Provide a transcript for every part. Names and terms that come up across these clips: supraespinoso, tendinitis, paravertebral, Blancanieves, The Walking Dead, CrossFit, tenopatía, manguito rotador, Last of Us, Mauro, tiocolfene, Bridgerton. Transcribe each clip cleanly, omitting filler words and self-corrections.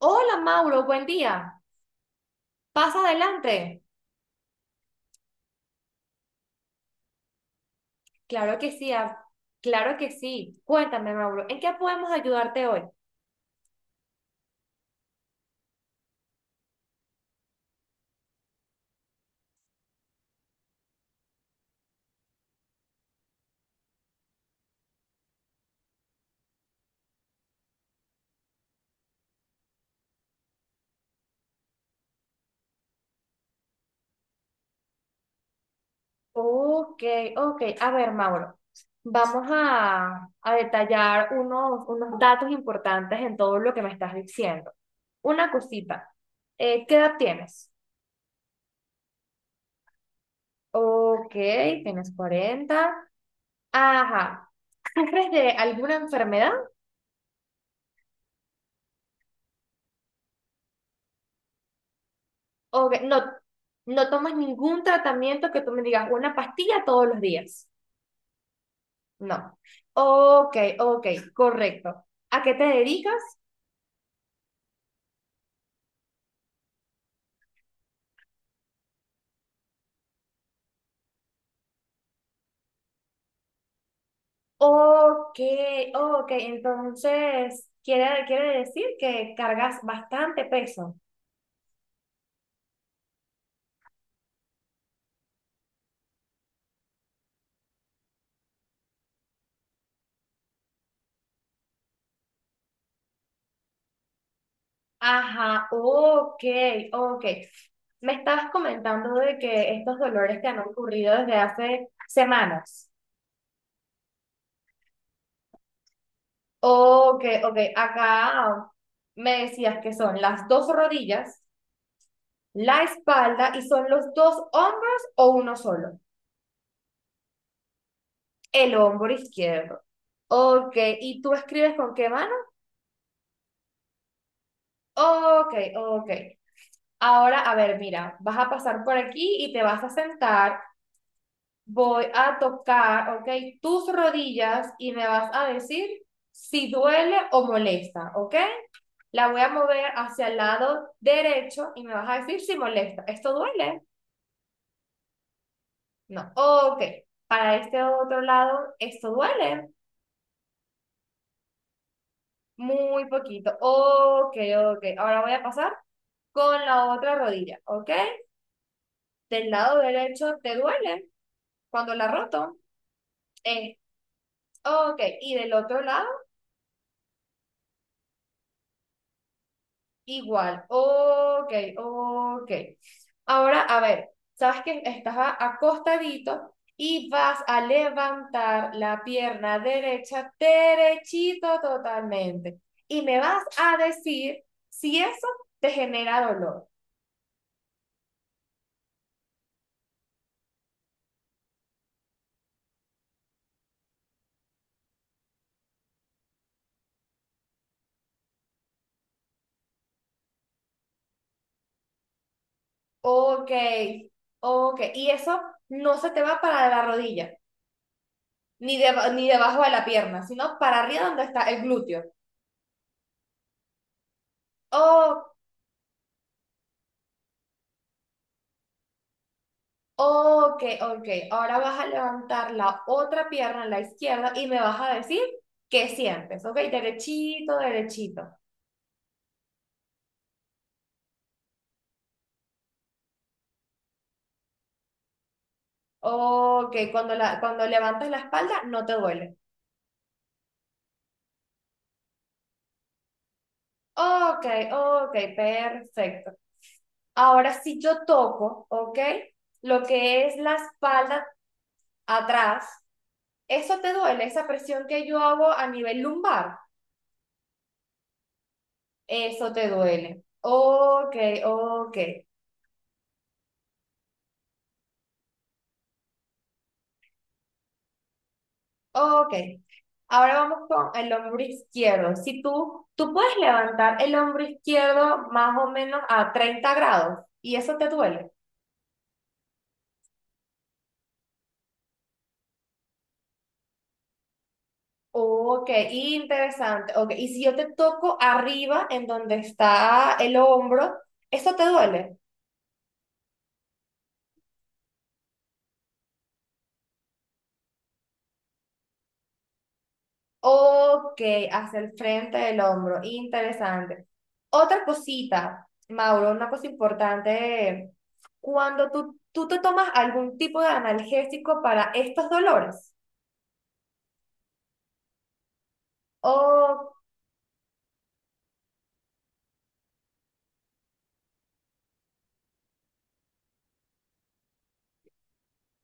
Hola, Mauro, buen día. Pasa adelante. Claro que sí, ah, claro que sí. Cuéntame, Mauro, ¿en qué podemos ayudarte hoy? Ok, ok. A ver, Mauro, vamos a detallar unos datos importantes en todo lo que me estás diciendo. Una cosita, ¿qué edad tienes? Ok, tienes 40. Ajá. ¿Sufres de alguna enfermedad? Ok, no, no tomas ningún tratamiento que tú me digas una pastilla todos los días. No. Ok, ok, correcto. ¿A qué te dedicas? Ok, ok, entonces quiere decir que cargas bastante peso. Ajá, ok, ok. Me estabas comentando de que estos dolores te han ocurrido desde hace semanas. Ok, ok, acá me decías que son las dos rodillas, la espalda, y son los dos hombros o uno solo. El hombro izquierdo. Ok, ¿y tú escribes con qué mano? Ok, ok. Ahora, a ver, mira, vas a pasar por aquí y te vas a sentar. Voy a tocar, ok, tus rodillas y me vas a decir si duele o molesta, ok. La voy a mover hacia el lado derecho y me vas a decir si molesta. ¿Esto duele? No. Ok. Para este otro lado, ¿esto duele? Muy poquito. Ok, ok. Ahora voy a pasar con la otra rodilla, ¿ok? Del lado derecho te duele cuando la roto. Eh, ok. Y del otro lado igual. Ok, ok. Ahora, a ver, sabes que estás acostadito y vas a levantar la pierna derecha derechito totalmente. Y me vas a decir si eso te genera dolor. Ok, ok. Y eso no se te va para la rodilla, ni debajo de la pierna, sino para arriba donde está el glúteo. Oh, ok, ok. Ahora vas a levantar la otra pierna, la izquierda, y me vas a decir qué sientes. Ok, derechito, derechito. Ok, cuando la, cuando levantas la espalda no te duele. Ok, ok, perfecto. Ahora, si yo toco, ok, lo que es la espalda atrás, eso te duele, esa presión que yo hago a nivel lumbar, eso te duele. Ok, ok, ok. Ahora vamos con el hombro izquierdo. Si tú puedes levantar el hombro izquierdo más o menos a 30° y eso te duele. Ok, interesante. Ok, y si yo te toco arriba en donde está el hombro, ¿eso te duele? Ok, hacia el frente del hombro. Interesante. Otra cosita, Mauro, una cosa importante. Cuando tú te tomas algún tipo de analgésico para estos dolores. Oh,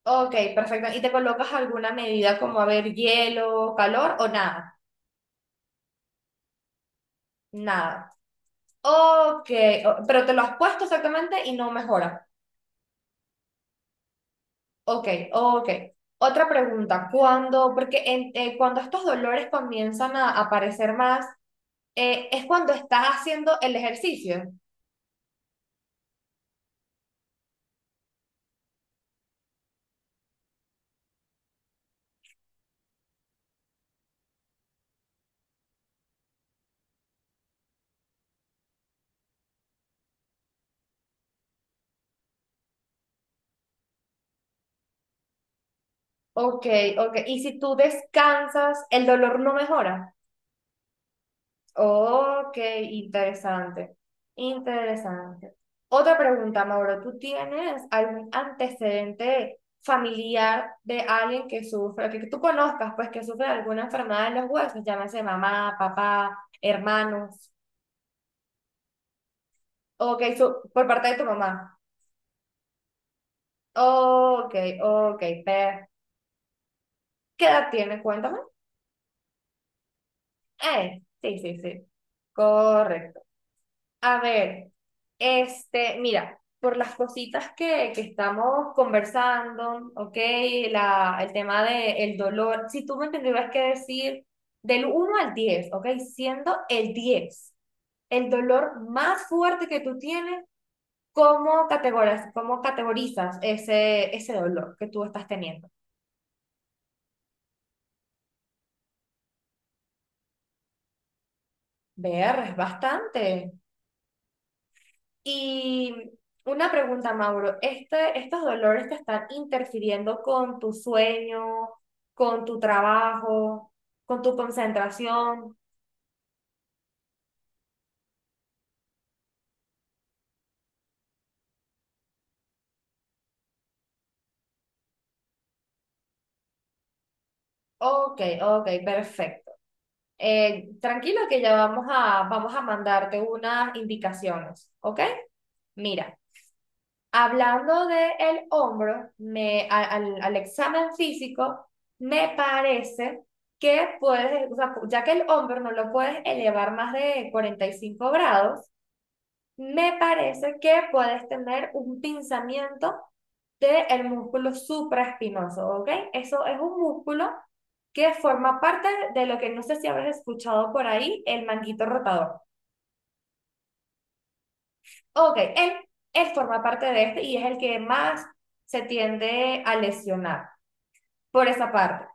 ok, perfecto. ¿Y te colocas alguna medida como, a ver, hielo, calor o nada? Nada. Ok, pero te lo has puesto exactamente y no mejora. Ok, ok. Otra pregunta, cuando, cuando estos dolores comienzan a aparecer más, es cuando estás haciendo el ejercicio. Ok, ok. Y si tú descansas, el dolor no mejora. Ok, interesante, interesante. Otra pregunta, Mauro, ¿tú tienes algún antecedente familiar de alguien que sufre, que tú conozcas, pues que sufre de alguna enfermedad de los huesos, llámese mamá, papá, hermanos? Ok, ¿por parte de tu mamá? Ok, ok, per. ¿Qué edad tienes? Cuéntame. Sí, sí, sí. Correcto. A ver, este, mira, por las cositas que estamos conversando, ¿ok? La, el tema del dolor, si tú me tendrías que decir del 1 al 10, ¿ok? Siendo el 10 el dolor más fuerte que tú tienes, cómo categorizas ese dolor que tú estás teniendo? Ver, es bastante. Y una pregunta, Mauro, este, ¿estos dolores te están interfiriendo con tu sueño, con tu trabajo, con tu concentración? Ok, ok, perfecto. Tranquilo, que ya vamos a mandarte unas indicaciones, ¿ok? Mira, hablando del hombro, al examen físico, me parece que puedes, o sea, ya que el hombro no lo puedes elevar más de 45°, me parece que puedes tener un pinzamiento del músculo supraespinoso, ¿ok? Eso es un músculo que forma parte de lo que no sé si habrás escuchado por ahí, el manguito rotador. Ok, él forma parte de este y es el que más se tiende a lesionar por esa parte.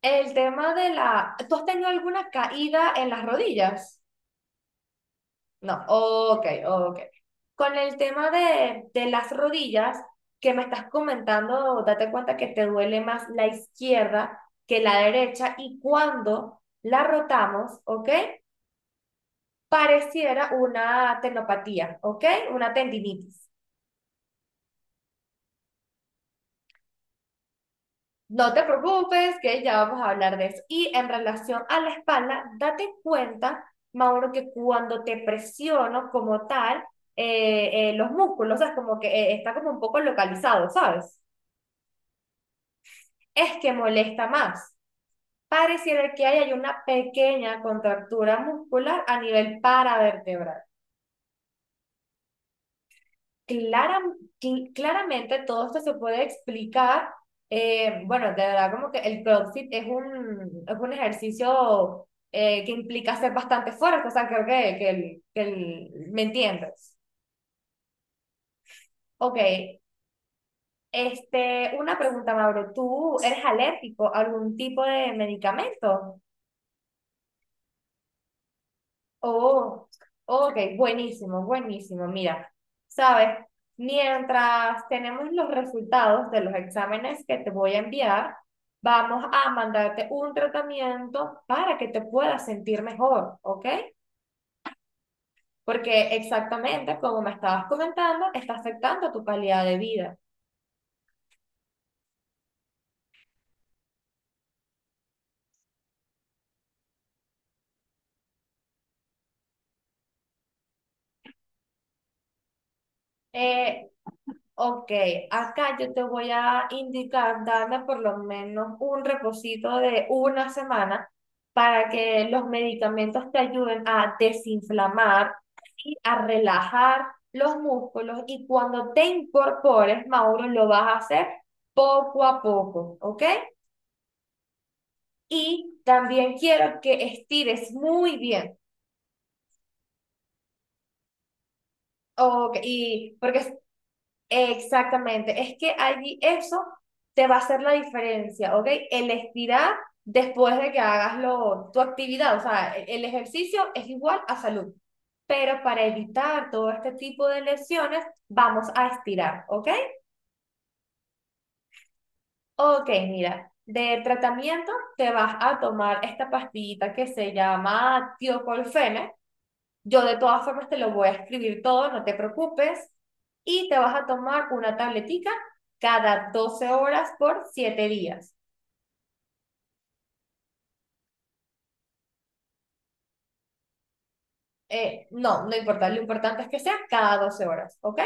El tema de la... ¿Tú has tenido alguna caída en las rodillas? No, ok, ok. Con el tema de las rodillas que me estás comentando, date cuenta que te duele más la izquierda que la derecha y cuando la rotamos, ¿ok? Pareciera una tenopatía, ¿ok? Una tendinitis. No te preocupes, que ya vamos a hablar de eso. Y en relación a la espalda, date cuenta, Mauro, que cuando te presiono como tal, los músculos, o sea, es como que está como un poco localizado, ¿sabes? Es que molesta más. Pareciera que hay una pequeña contractura muscular a nivel paravertebral. Clara- cl- claramente todo esto se puede explicar. Bueno, de verdad, como que el CrossFit es un ejercicio que implica hacer bastante fuerza, o sea, creo que ¿me entiendes? Ok, este, una pregunta, Mauro, ¿tú eres alérgico a algún tipo de medicamento? Oh, ok, buenísimo, buenísimo. Mira, sabes, mientras tenemos los resultados de los exámenes que te voy a enviar, vamos a mandarte un tratamiento para que te puedas sentir mejor, ¿ok? Porque exactamente como me estabas comentando, está afectando tu calidad de vida. Eh, Ok, acá yo te voy a indicar, darle por lo menos un reposito de una semana para que los medicamentos te ayuden a desinflamar y a relajar los músculos. Y cuando te incorpores, Mauro, lo vas a hacer poco a poco, ¿ok? Y también quiero que estires muy bien. Ok, y porque exactamente, es que allí eso te va a hacer la diferencia, ¿ok? El estirar después de que hagas lo, tu actividad, o sea, el ejercicio es igual a salud, pero para evitar todo este tipo de lesiones vamos a estirar, ¿ok? Ok, mira, de tratamiento te vas a tomar esta pastillita que se llama tiocolfene. Yo de todas formas te lo voy a escribir todo, no te preocupes. Y te vas a tomar una tabletica cada 12 horas por 7 días. No, no importa, lo importante es que sea cada 12 horas, ¿ok?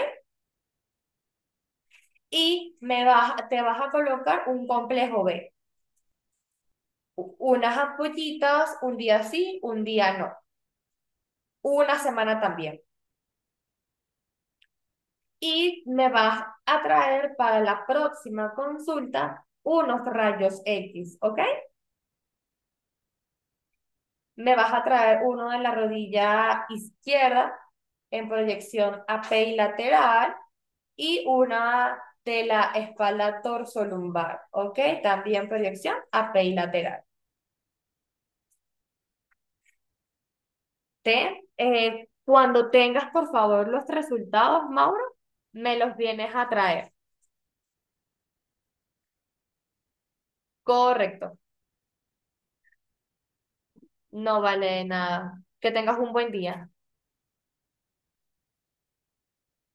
Y me vas, te vas a colocar un complejo B, unas ampollitas, un día sí, un día no, una semana también. Y me vas a traer para la próxima consulta unos rayos X, ¿ok? Me vas a traer uno de la rodilla izquierda en proyección apilateral y una de la espalda torsolumbar, ¿ok? También proyección apilateral. ¿Te? Eh, cuando tengas, por favor, los resultados, Mauro, me los vienes a traer. Correcto. No vale de nada. Que tengas un buen día.